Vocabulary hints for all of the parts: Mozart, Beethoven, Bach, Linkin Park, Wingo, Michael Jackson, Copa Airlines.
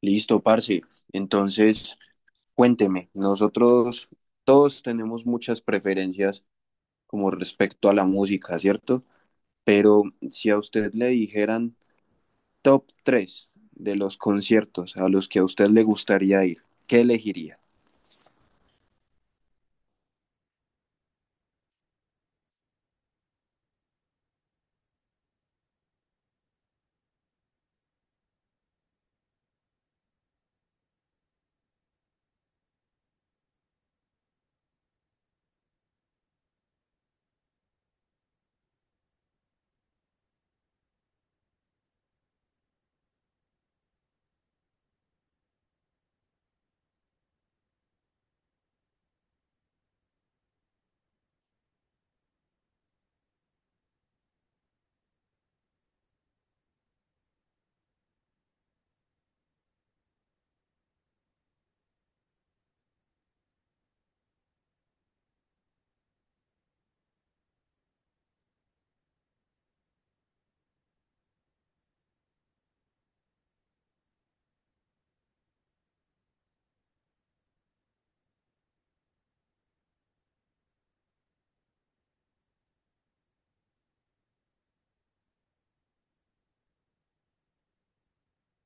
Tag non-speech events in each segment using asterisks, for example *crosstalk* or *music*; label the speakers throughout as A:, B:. A: Listo, parce. Entonces, cuénteme, nosotros todos tenemos muchas preferencias como respecto a la música, ¿cierto? Pero si a usted le dijeran top 3 de los conciertos a los que a usted le gustaría ir, ¿qué elegiría?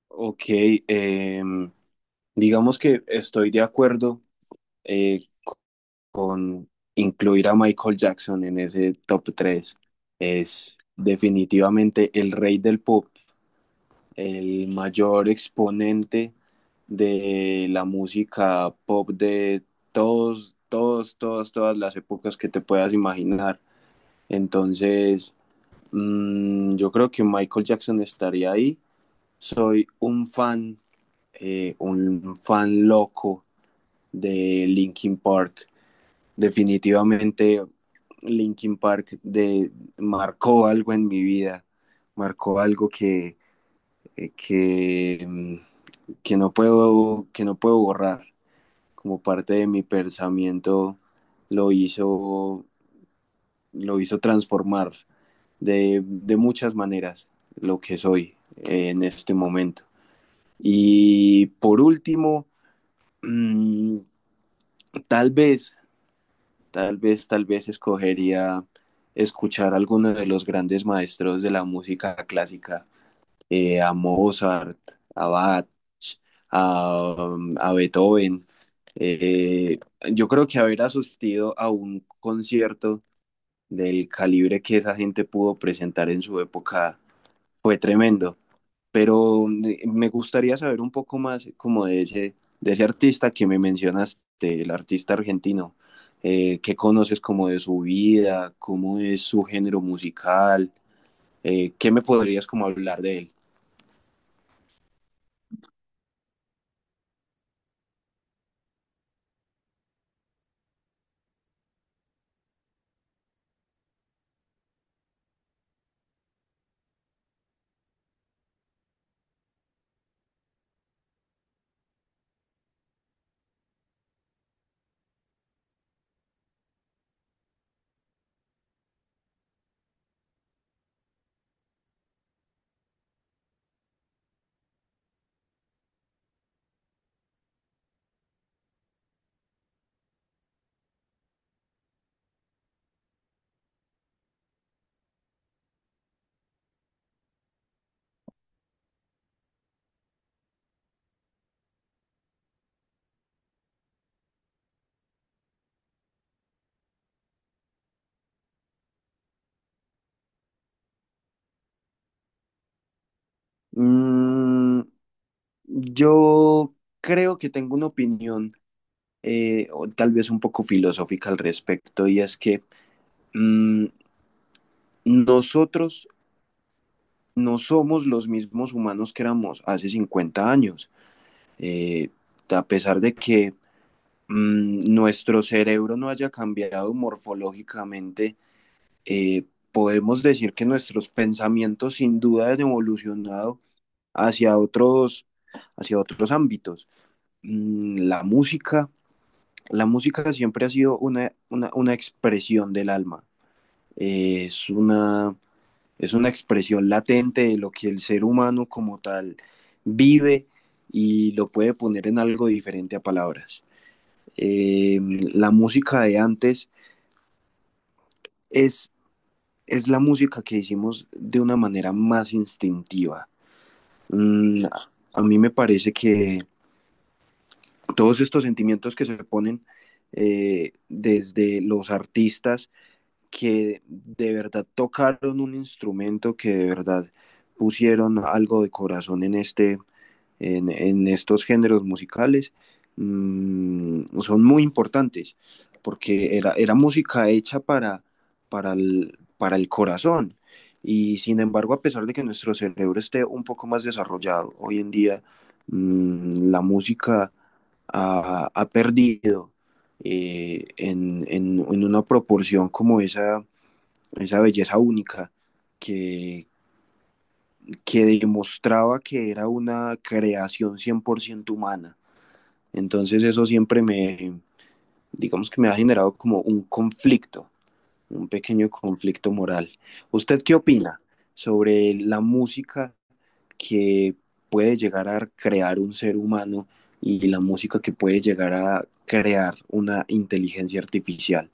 A: Ok, digamos que estoy de acuerdo, eh, con incluir a Michael Jackson en ese top 3. Es definitivamente el rey del pop, el mayor exponente de la música pop de todos, todos, todas las épocas que te puedas imaginar. Entonces, yo creo que Michael Jackson estaría ahí. Soy un fan loco de Linkin Park. Definitivamente Linkin Park marcó algo en mi vida, marcó algo eh, que mm, que no puedo, que no puedo borrar. Como parte de mi pensamiento lo hizo, lo hizo transformar de muchas maneras lo que soy, en este momento. Y por último, *clears throat* mmm, tal vez, tal vez escogería escuchar a alguno de los grandes maestros de la música clásica, a Mozart, a Bach, a Beethoven. Eh, yo creo que haber asistido a un concierto del calibre que esa gente pudo presentar en su época fue tremendo. Pero me gustaría saber un poco más como de ese artista que me mencionaste, el artista argentino. ¿Qué conoces como de su vida? ¿Cómo es su género musical? ¿Qué me podrías como hablar de él? Mm, Yo creo que tengo una opinión, o tal vez un poco filosófica al respecto, y es que mm, nosotros no somos los mismos humanos que éramos hace 50 años. Eh, a pesar de que nuestro cerebro no haya cambiado morfológicamente, eh, podemos decir que nuestros pensamientos sin duda han evolucionado hacia otros, hacia otros ámbitos. Mm, la música la música siempre ha sido una expresión del alma, eh, es, una, es una expresión latente de lo que el ser humano como tal vive y lo puede poner en algo diferente a palabras. La música de antes es, es la música que hicimos de una manera más instintiva. Mm, a mí me parece que todos estos sentimientos que se ponen, desde los artistas que de verdad tocaron un instrumento, que de verdad pusieron algo de corazón en estos géneros musicales, son muy importantes, porque era, era música hecha para el corazón. Y sin embargo, a pesar de que nuestro cerebro esté un poco más desarrollado, hoy en día, la música ha, ha perdido, una proporción como esa belleza única que, que demostraba que era una creación 100% humana. Entonces eso siempre digamos que me ha generado como un conflicto, un pequeño conflicto moral. ¿Usted qué opina sobre la música que puede llegar a crear un ser humano y la música que puede llegar a crear una inteligencia artificial?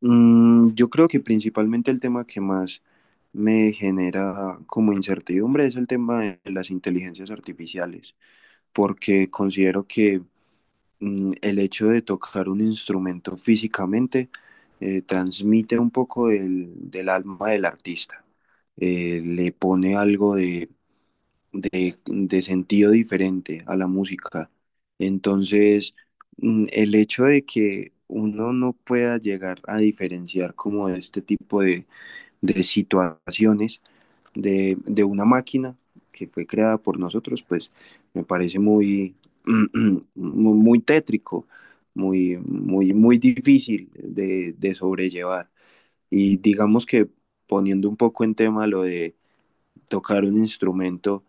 A: Yo creo que principalmente el tema que más me genera como incertidumbre es el tema de las inteligencias artificiales, porque considero que el hecho de tocar un instrumento físicamente transmite un poco del alma del artista, le pone algo de sentido diferente a la música. Entonces, el hecho de que uno no pueda llegar a diferenciar como este tipo de situaciones, de una máquina que fue creada por nosotros, pues me parece muy, *clears throat* muy tétrico, muy, muy difícil sobrellevar. Y digamos que poniendo un poco en tema lo de tocar un instrumento,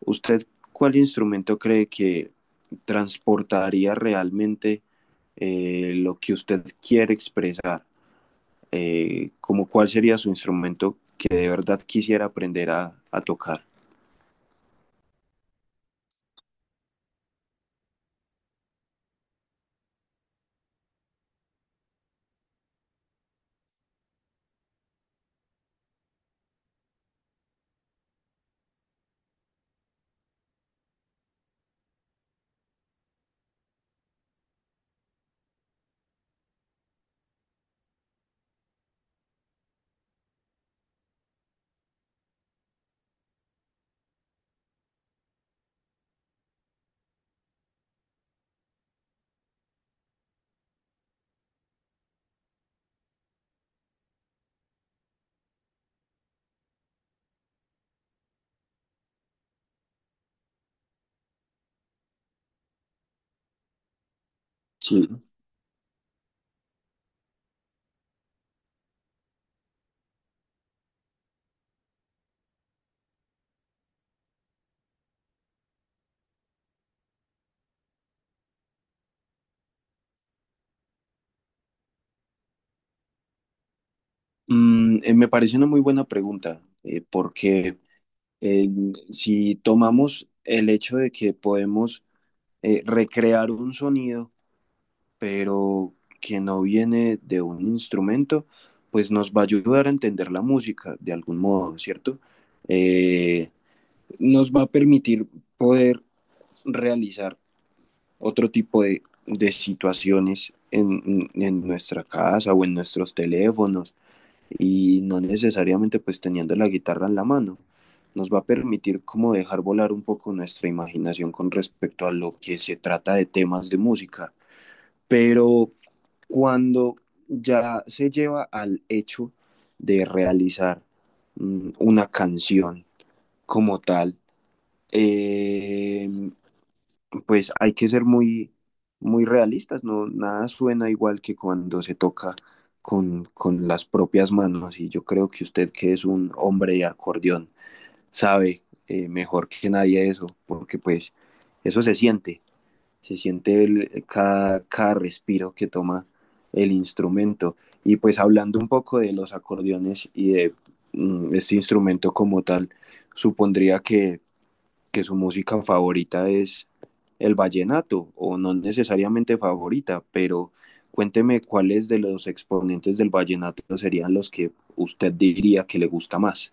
A: ¿usted cuál instrumento cree que transportaría realmente, lo que usted quiere expresar? Como cuál sería su instrumento que de verdad quisiera aprender a tocar. Sí. Me parece una muy buena pregunta, porque eh, si tomamos el hecho de que podemos, recrear un sonido, pero que no viene de un instrumento, pues nos va a ayudar a entender la música de algún modo, ¿cierto? Eh, nos va a permitir poder realizar otro tipo de situaciones nuestra casa o en nuestros teléfonos, y no necesariamente pues teniendo la guitarra en la mano. Nos va a permitir como dejar volar un poco nuestra imaginación con respecto a lo que se trata de temas de música. Pero cuando ya se lleva al hecho de realizar una canción como tal, eh, pues hay que ser muy, muy realistas, no, nada suena igual que cuando se toca con las propias manos. Y yo creo que usted, que es un hombre de acordeón, sabe, mejor que nadie eso, porque pues eso se siente, cada, cada respiro que toma el instrumento. Y pues hablando un poco de los acordeones y de este instrumento como tal, supondría que su música favorita es el vallenato, o no necesariamente favorita, pero cuénteme cuáles de los exponentes del vallenato serían los que usted diría que le gusta más.